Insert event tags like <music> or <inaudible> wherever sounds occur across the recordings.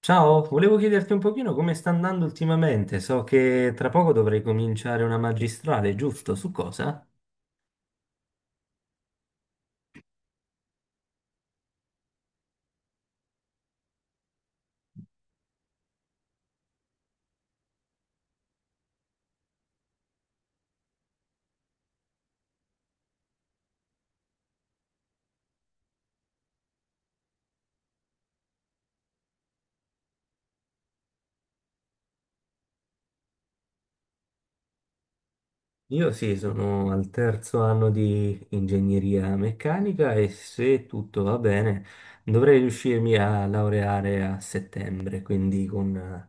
Ciao, volevo chiederti un pochino come sta andando ultimamente. So che tra poco dovrei cominciare una magistrale, giusto? Su cosa? Io sì, sono al terzo anno di ingegneria meccanica e se tutto va bene dovrei riuscirmi a laureare a settembre, quindi con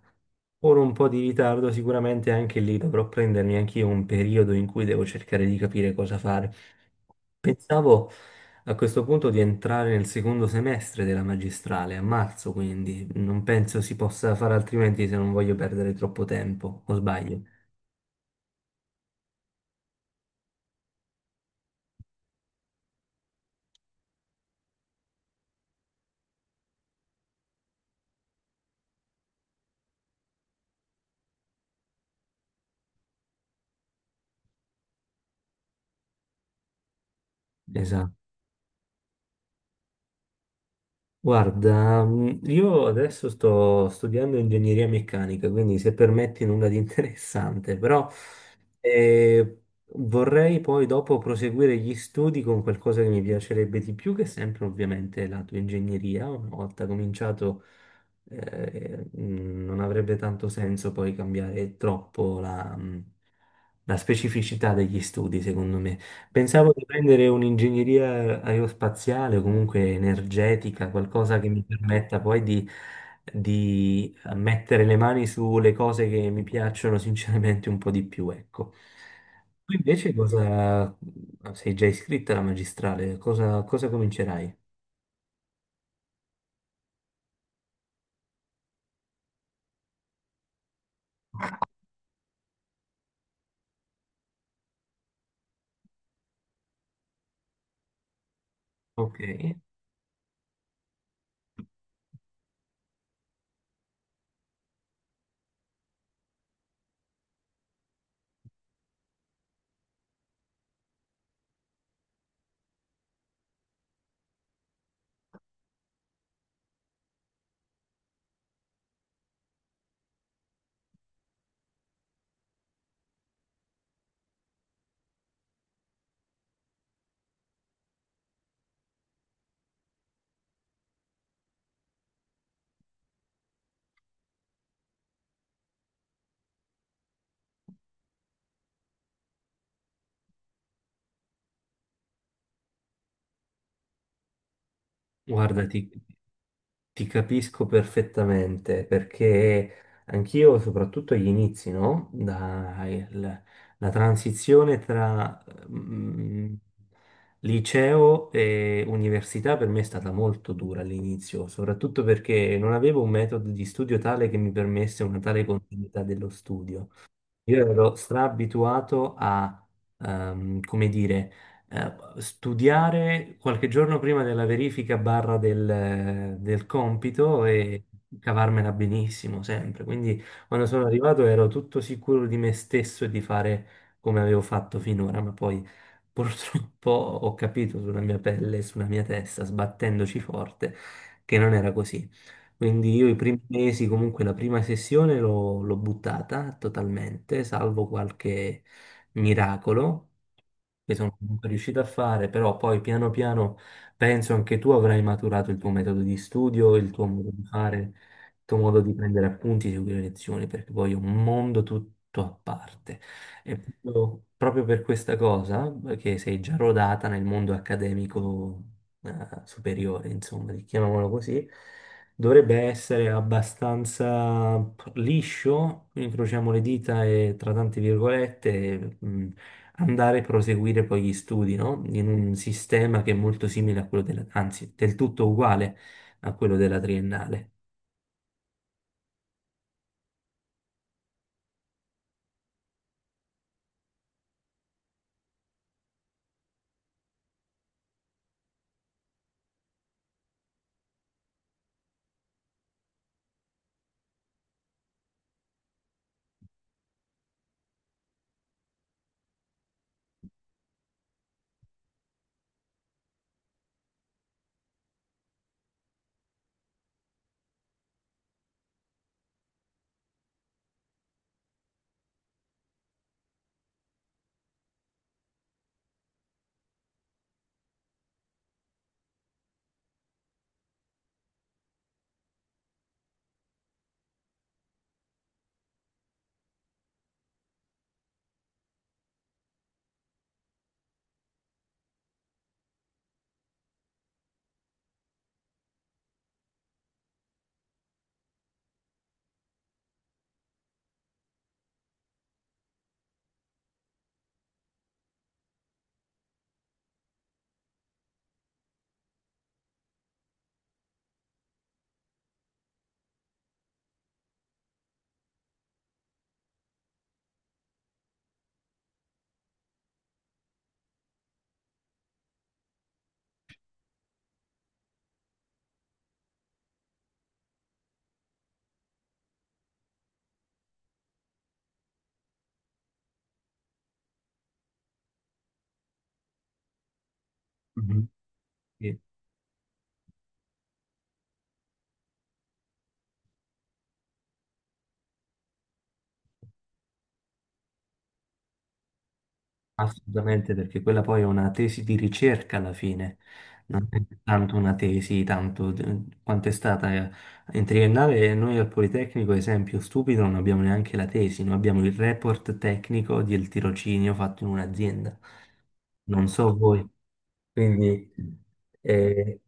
ora un po' di ritardo sicuramente anche lì dovrò prendermi anch'io un periodo in cui devo cercare di capire cosa fare. Pensavo a questo punto di entrare nel secondo semestre della magistrale, a marzo, quindi non penso si possa fare altrimenti se non voglio perdere troppo tempo, o sbaglio? Esatto. Guarda, io adesso sto studiando ingegneria meccanica, quindi se permetti nulla di <laughs> interessante, però eh, vorrei poi dopo proseguire gli studi con qualcosa che mi piacerebbe di più, che è sempre ovviamente la tua ingegneria. Una volta cominciato non avrebbe tanto senso poi cambiare troppo la la specificità degli studi, secondo me. Pensavo di prendere un'ingegneria aerospaziale o comunque energetica, qualcosa che mi permetta poi di mettere le mani sulle cose che mi piacciono sinceramente un po' di più, ecco. Tu invece cosa sei già iscritta alla magistrale? Cosa comincerai? Ok, guardati. Ti capisco perfettamente perché anch'io, soprattutto agli inizi, no? La transizione tra mm, liceo e università per me è stata molto dura all'inizio, soprattutto perché non avevo un metodo di studio tale che mi permesse una tale continuità dello studio. Io ero straabituato a, come dire, studiare qualche giorno prima della verifica barra del compito e cavarmela benissimo sempre. Quindi quando sono arrivato ero tutto sicuro di me stesso e di fare come avevo fatto finora, ma poi purtroppo <laughs> ho capito sulla mia pelle e sulla mia testa, sbattendoci forte, che non era così. Quindi io i primi mesi, comunque la prima sessione l'ho buttata totalmente, salvo qualche miracolo che sono comunque riuscito a fare, però poi piano piano penso anche tu avrai maturato il tuo metodo di studio, il tuo modo di fare, il tuo modo di prendere appunti, seguire lezioni, perché poi è un mondo tutto a parte. E proprio per questa cosa, che sei già rodata nel mondo accademico, superiore, insomma, chiamiamolo così. Dovrebbe essere abbastanza liscio, incrociamo le dita e tra tante virgolette andare a proseguire poi gli studi, no? In un sistema che è molto simile a quello della, anzi, del tutto uguale a quello della triennale. Mhm. Assolutamente, perché quella poi è una tesi di ricerca alla fine, non è tanto una tesi, quanto è stata in triennale. Noi al Politecnico, esempio stupido, non abbiamo neanche la tesi, noi abbiamo il report tecnico del tirocinio fatto in un'azienda. Non so voi, quindi eh,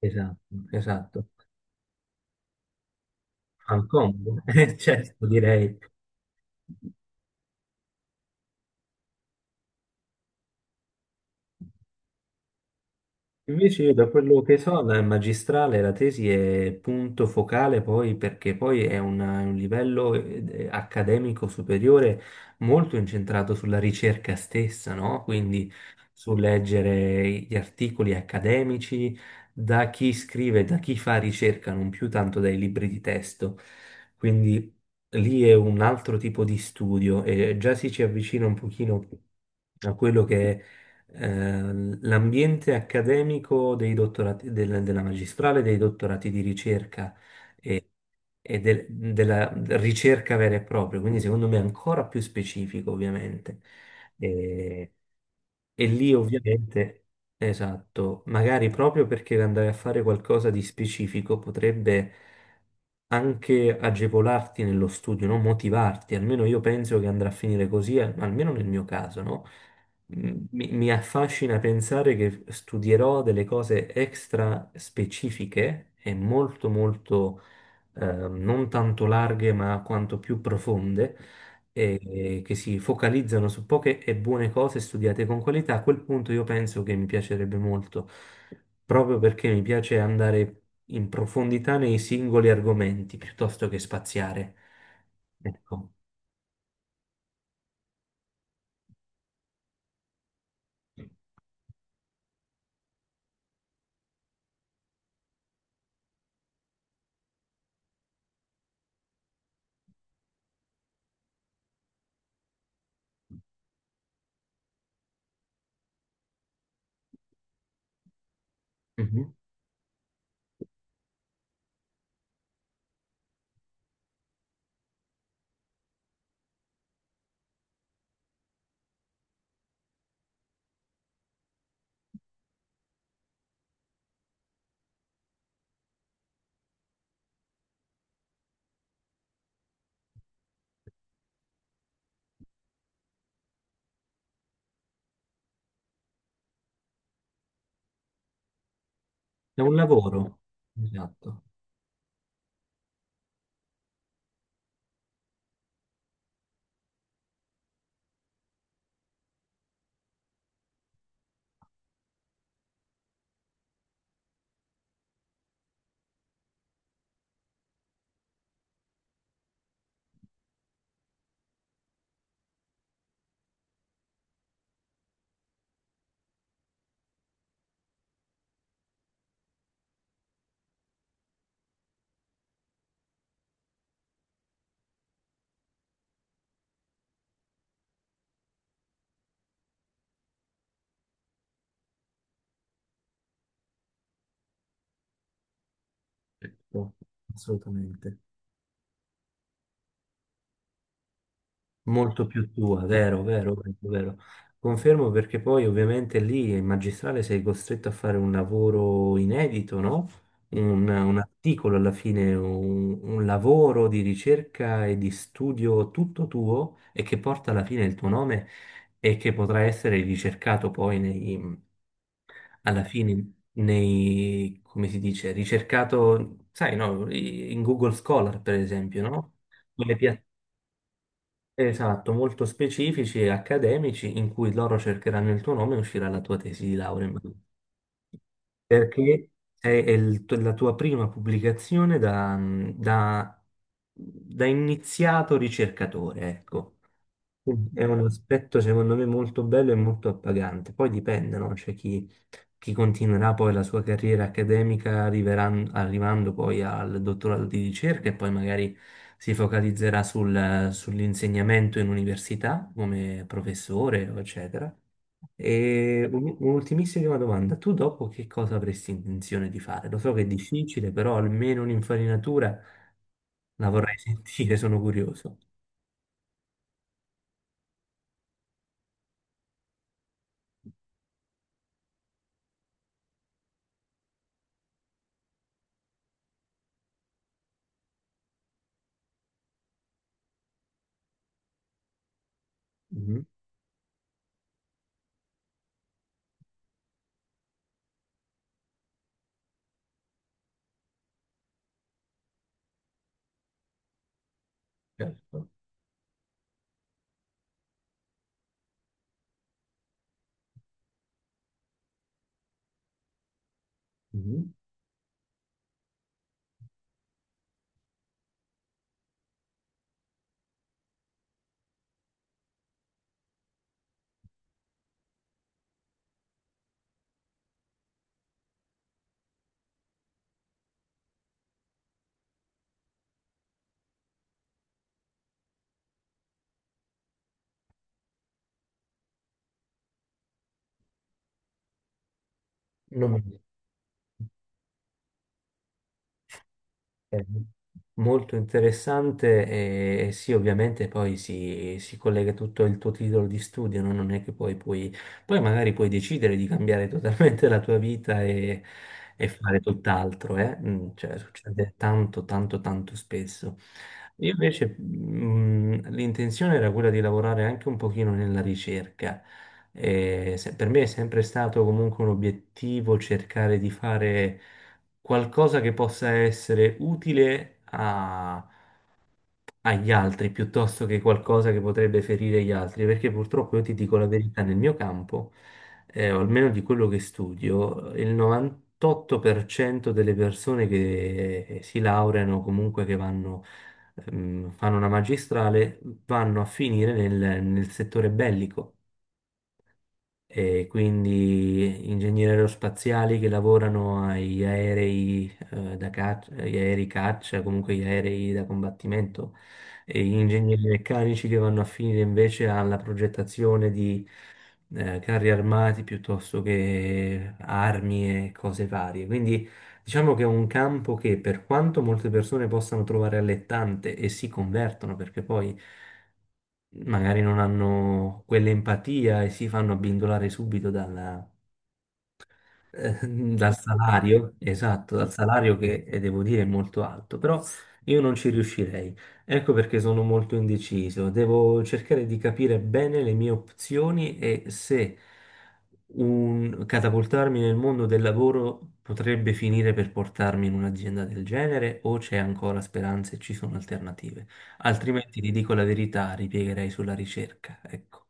esatto, esatto. Fan comodo, <laughs> certo, direi. Invece io da quello che so dal magistrale la tesi è punto focale poi perché poi è un livello accademico superiore molto incentrato sulla ricerca stessa, no? Quindi su leggere gli articoli accademici da chi scrive, da chi fa ricerca, non più tanto dai libri di testo. Quindi lì è un altro tipo di studio e già si ci avvicina un pochino a quello che è l'ambiente accademico dei dottorati, della magistrale, dei dottorati di ricerca e, e della ricerca vera e propria, quindi secondo me è ancora più specifico, ovviamente. E, e lì ovviamente, esatto, magari proprio perché andare a fare qualcosa di specifico potrebbe anche agevolarti nello studio, no? Motivarti, almeno io penso che andrà a finire così, almeno nel mio caso, no? Mi affascina pensare che studierò delle cose extra specifiche e molto molto non tanto larghe ma quanto più profonde e, e che si focalizzano su poche e buone cose studiate con qualità. A quel punto io penso che mi piacerebbe molto, proprio perché mi piace andare in profondità nei singoli argomenti piuttosto che spaziare. Ecco. Mhm. È un lavoro. Esatto. Certo, assolutamente. Molto più tua, vero, vero, vero, vero. Confermo perché poi ovviamente lì in magistrale sei costretto a fare un lavoro inedito, no? Un articolo alla fine, un lavoro di ricerca e di studio tutto tuo e che porta alla fine il tuo nome e che potrà essere ricercato poi alla fine nei, come si dice, ricercato, sai, no, in Google Scholar, per esempio, no? Quelle pia- Esatto, molto specifici e accademici in cui loro cercheranno il tuo nome e uscirà la tua tesi di laurea. Perché è la tua prima pubblicazione da iniziato ricercatore, ecco. Quindi è un aspetto secondo me molto bello e molto appagante. Poi dipende, no? C'è chi, chi continuerà poi la sua carriera accademica arrivando poi al dottorato di ricerca e poi magari si focalizzerà sull'insegnamento in università come professore, eccetera. E un'ultimissima domanda, tu dopo che cosa avresti intenzione di fare? Lo so che è difficile, però almeno un'infarinatura la vorrei <laughs> sentire, sono curioso. Mhm. Certo. Mhm. Non mi- Eh, molto interessante e sì, ovviamente poi si collega tutto il tuo titolo di studio, no? Non è che poi puoi, poi magari puoi decidere di cambiare <laughs> totalmente la tua vita e fare tutt'altro, eh? Cioè, succede tanto, tanto, tanto spesso. Io invece l'intenzione era quella di lavorare anche un pochino nella ricerca. Per me è sempre stato comunque un obiettivo cercare di fare qualcosa che possa essere utile agli altri piuttosto che qualcosa che potrebbe ferire gli altri, perché purtroppo io ti dico la verità, nel mio campo, o almeno di quello che studio, il 98% delle persone che si laureano, comunque che vanno, fanno una magistrale, vanno a finire nel settore bellico e quindi ingegneri aerospaziali che lavorano agli aerei, da caccia, agli aerei caccia, comunque agli aerei da combattimento, e ingegneri meccanici che vanno a finire invece alla progettazione di carri armati piuttosto che armi e cose varie. Quindi diciamo che è un campo che per quanto molte persone possano trovare allettante e si convertono, perché poi magari non hanno quell'empatia e si fanno abbindolare subito eh, dal salario, esatto, dal salario che devo dire è molto alto, però io non ci riuscirei. Ecco perché sono molto indeciso. Devo cercare di capire bene le mie opzioni e se catapultarmi nel mondo del lavoro potrebbe finire per portarmi in un'azienda del genere o c'è ancora speranza e ci sono alternative. Altrimenti, ti dico la verità, ripiegherei sulla ricerca. Ecco,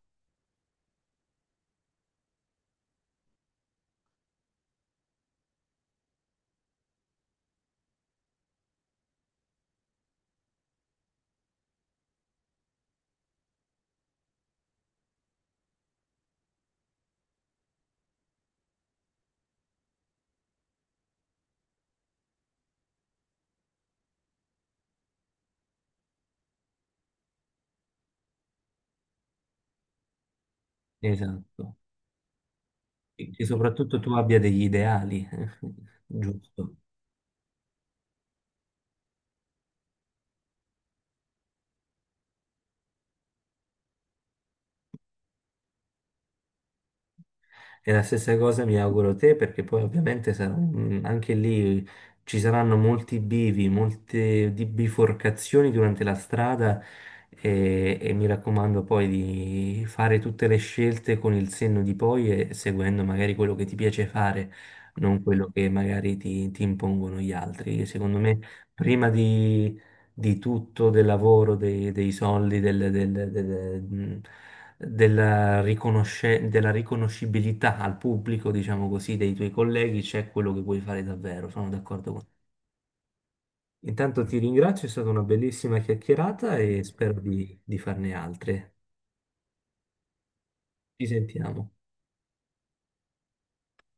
esatto. Che soprattutto tu abbia degli ideali, <laughs> giusto? E la stessa cosa mi auguro a te, perché poi ovviamente anche lì ci saranno molti bivi, biforcazioni durante la strada e mi raccomando poi di fare tutte le scelte con il senno di poi e seguendo magari quello che ti piace fare, non quello che magari ti impongono gli altri. Secondo me, prima di tutto, del lavoro, dei soldi, della della riconoscibilità al pubblico, diciamo così, dei tuoi colleghi, c'è quello che vuoi fare davvero. Sono d'accordo con te. Intanto ti ringrazio, è stata una bellissima chiacchierata e spero di farne altre. Ci sentiamo.